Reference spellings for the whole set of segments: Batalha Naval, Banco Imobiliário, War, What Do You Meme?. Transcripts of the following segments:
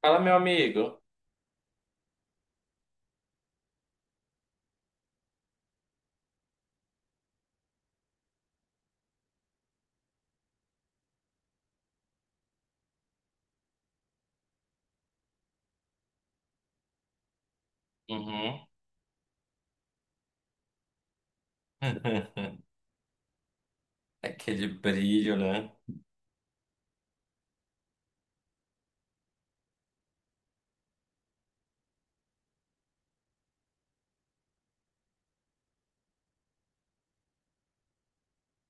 Fala, meu amigo. Uhum. Aquele brilho, né?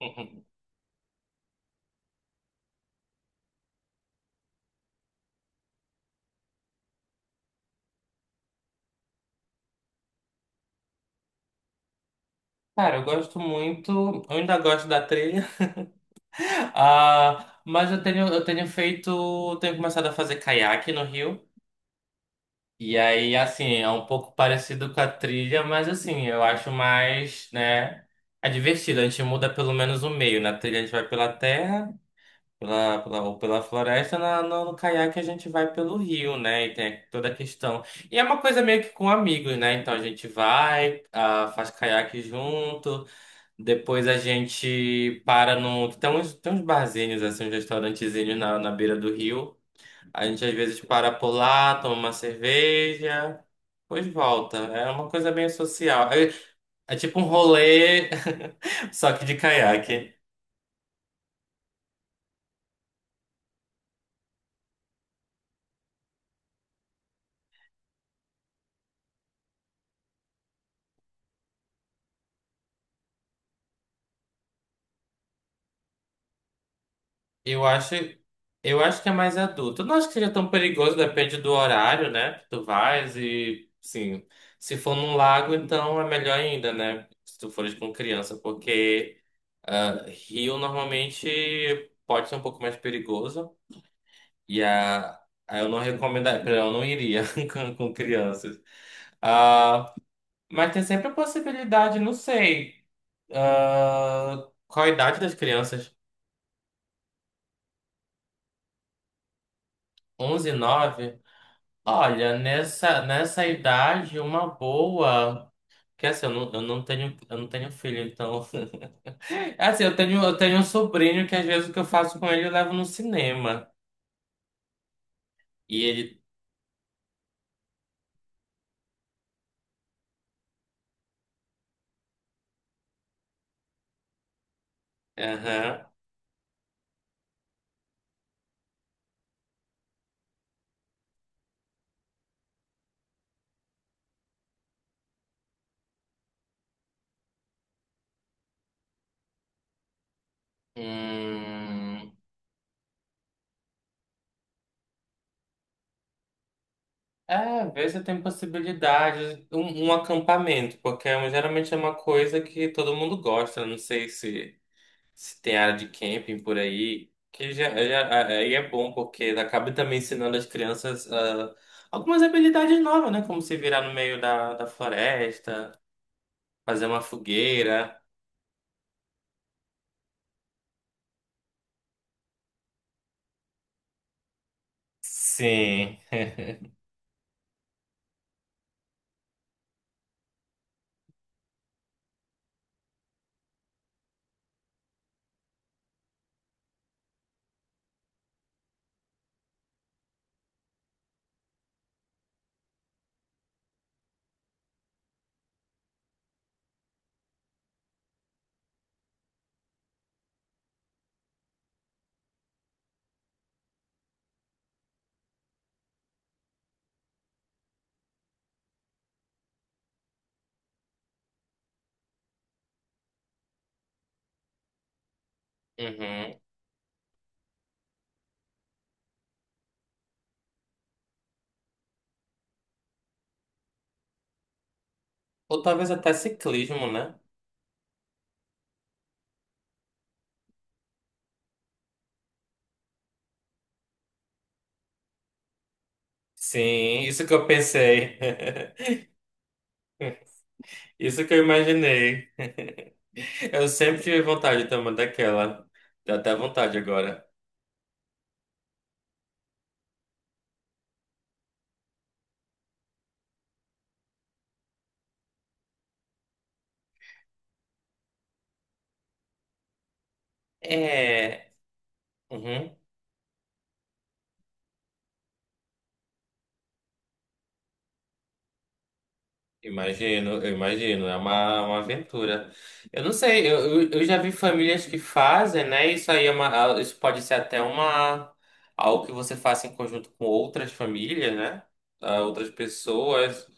Cara, eu gosto muito, eu ainda gosto da trilha, ah, mas eu tenho feito, eu tenho começado a fazer caiaque no rio, e aí, assim, é um pouco parecido com a trilha, mas assim, eu acho mais, né, é divertido, a gente muda pelo menos o meio, na trilha a gente vai pela terra, Ou pela floresta, na, no, no caiaque a gente vai pelo rio, né? E tem toda a questão. E é uma coisa meio que com amigos, né? Então a gente vai, ah, faz caiaque junto, depois a gente para no. Tem uns barzinhos, assim, uns restaurantezinhos na beira do rio. A gente às vezes para por lá, toma uma cerveja, depois volta. É uma coisa bem social. É, é tipo um rolê, só que de caiaque. Eu acho, eu acho que é mais adulto. Eu não acho que seja tão perigoso, depende do horário, né? Que tu vais e, sim, se for num lago, então é melhor ainda, né? Se tu fores com criança, porque ah, rio normalmente pode ser um pouco mais perigoso e a aí eu não recomendaria, eu não iria com crianças. Ah, mas tem sempre a possibilidade, não sei, ah, qual a idade das crianças? 11, 9 Olha, nessa idade, uma boa. Que assim, eu não tenho filho, então. Assim, eu tenho um sobrinho que às vezes o que eu faço com ele eu levo no cinema. E ele. Aham. Hum, é, vê se tem possibilidade. Um acampamento, porque geralmente é uma coisa que todo mundo gosta. Não sei se. Se tem área de camping por aí, que já, já- aí é bom, porque acaba também ensinando as crianças ah, algumas habilidades novas, né? Como se virar no meio da floresta, fazer uma fogueira. Sim. Uhum. Ou talvez até ciclismo, né? Sim, isso que eu pensei. Isso que eu imaginei. Eu sempre tive vontade também daquela. Dá até vontade agora. É. Uhum. Imagino, eu imagino, é uma aventura. Eu não sei, eu já vi famílias que fazem, né? Isso aí é uma, isso pode ser até uma, algo que você faça em conjunto com outras famílias, né? Ah, outras pessoas,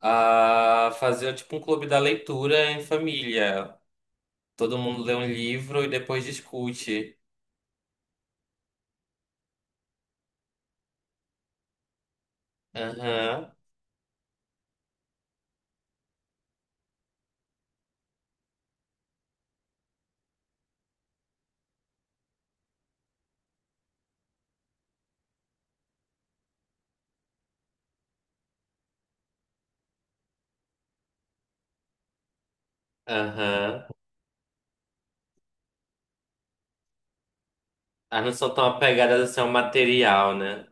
a fazer tipo um clube da leitura em família. Todo mundo lê um livro e depois discute. Aham, aham. Ah, não são tão apegadas assim ao material, né?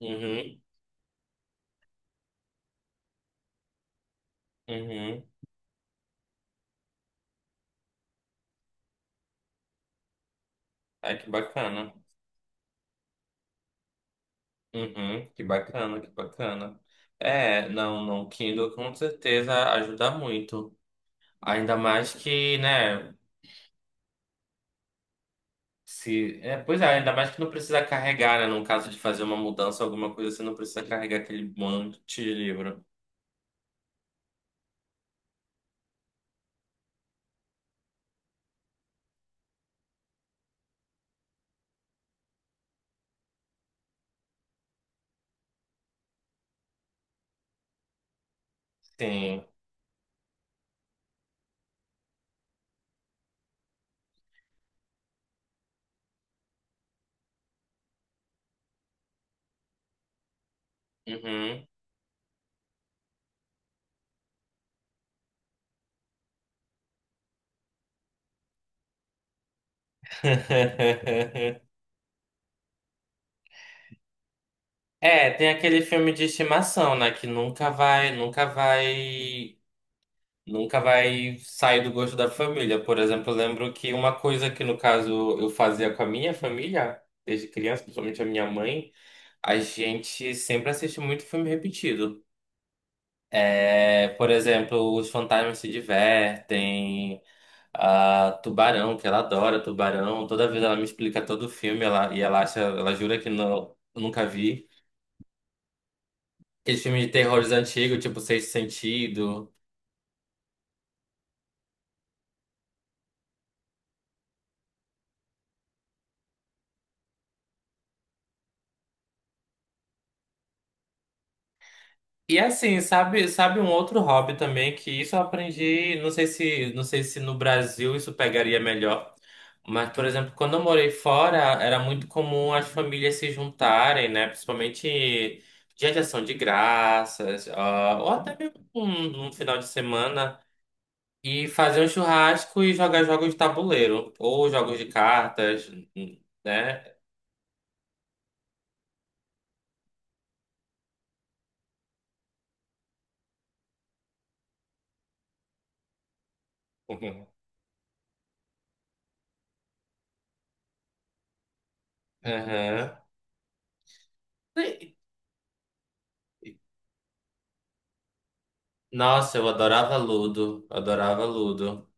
Uhum, uhum. Ai, que bacana. Uhum, que bacana, que bacana. É, não, não, Kindle com certeza ajuda muito. Ainda mais que, né, se, é, pois é, ainda mais que não precisa carregar, né, no caso de fazer uma mudança, alguma coisa, você não precisa carregar aquele monte de livro. Sim. Uhum. É, tem aquele filme de estimação, né, que nunca vai, nunca vai nunca vai sair do gosto da família. Por exemplo, eu lembro que uma coisa que, no caso, eu fazia com a minha família, desde criança, principalmente a minha mãe, a gente sempre assiste muito filme repetido. É, por exemplo, Os Fantasmas se Divertem, a Tubarão, que ela adora Tubarão. Toda vez ela me explica todo o filme ela, e ela acha, ela jura que não, eu nunca vi. Aqueles filmes de terrores antigos, tipo Sexto Sentido. E assim, sabe, sabe um outro hobby também que isso eu aprendi, não sei se no Brasil isso pegaria melhor, mas por exemplo, quando eu morei fora, era muito comum as famílias se juntarem, né, principalmente dia de ação de graças, ah, ou até mesmo um final de semana e fazer um churrasco e jogar jogos de tabuleiro ou jogos de cartas, né? Aham. Nossa, eu adorava Ludo, adorava Ludo.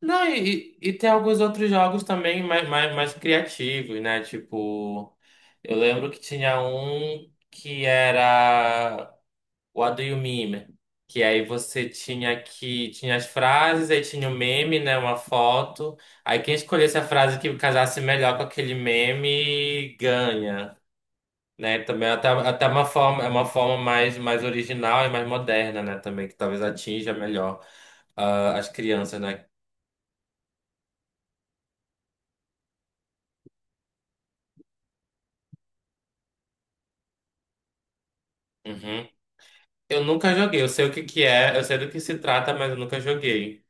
Não, e tem alguns outros jogos também mais criativos, né? Tipo, eu lembro que tinha um que era What Do You Meme? Que aí você tinha que tinha as frases, aí tinha o meme, né? Uma foto. Aí quem escolhesse a frase que casasse melhor com aquele meme ganha, né? Também é até, até uma forma, é uma forma mais, mais original e mais moderna, né? Também que talvez atinja melhor ah, as crianças, né? Uhum. Eu nunca joguei, eu sei o que que é, eu sei do que se trata, mas eu nunca joguei.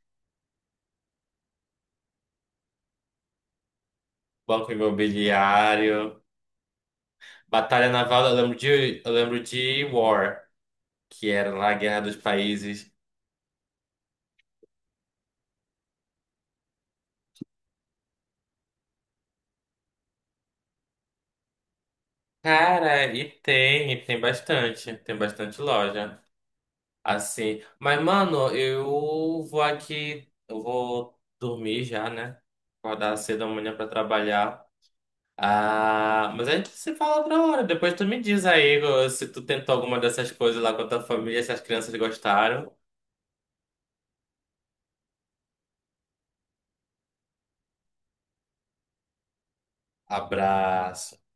Banco Imobiliário, Batalha Naval, eu lembro de War, que era lá a Guerra dos Países. Cara, e tem bastante loja, assim. Mas, mano, eu vou aqui, eu vou dormir já, né? Acordar cedo amanhã pra trabalhar. Ah, mas a gente se fala outra hora. Depois tu me diz aí se tu tentou alguma dessas coisas lá com a tua família, se as crianças gostaram. Abraço.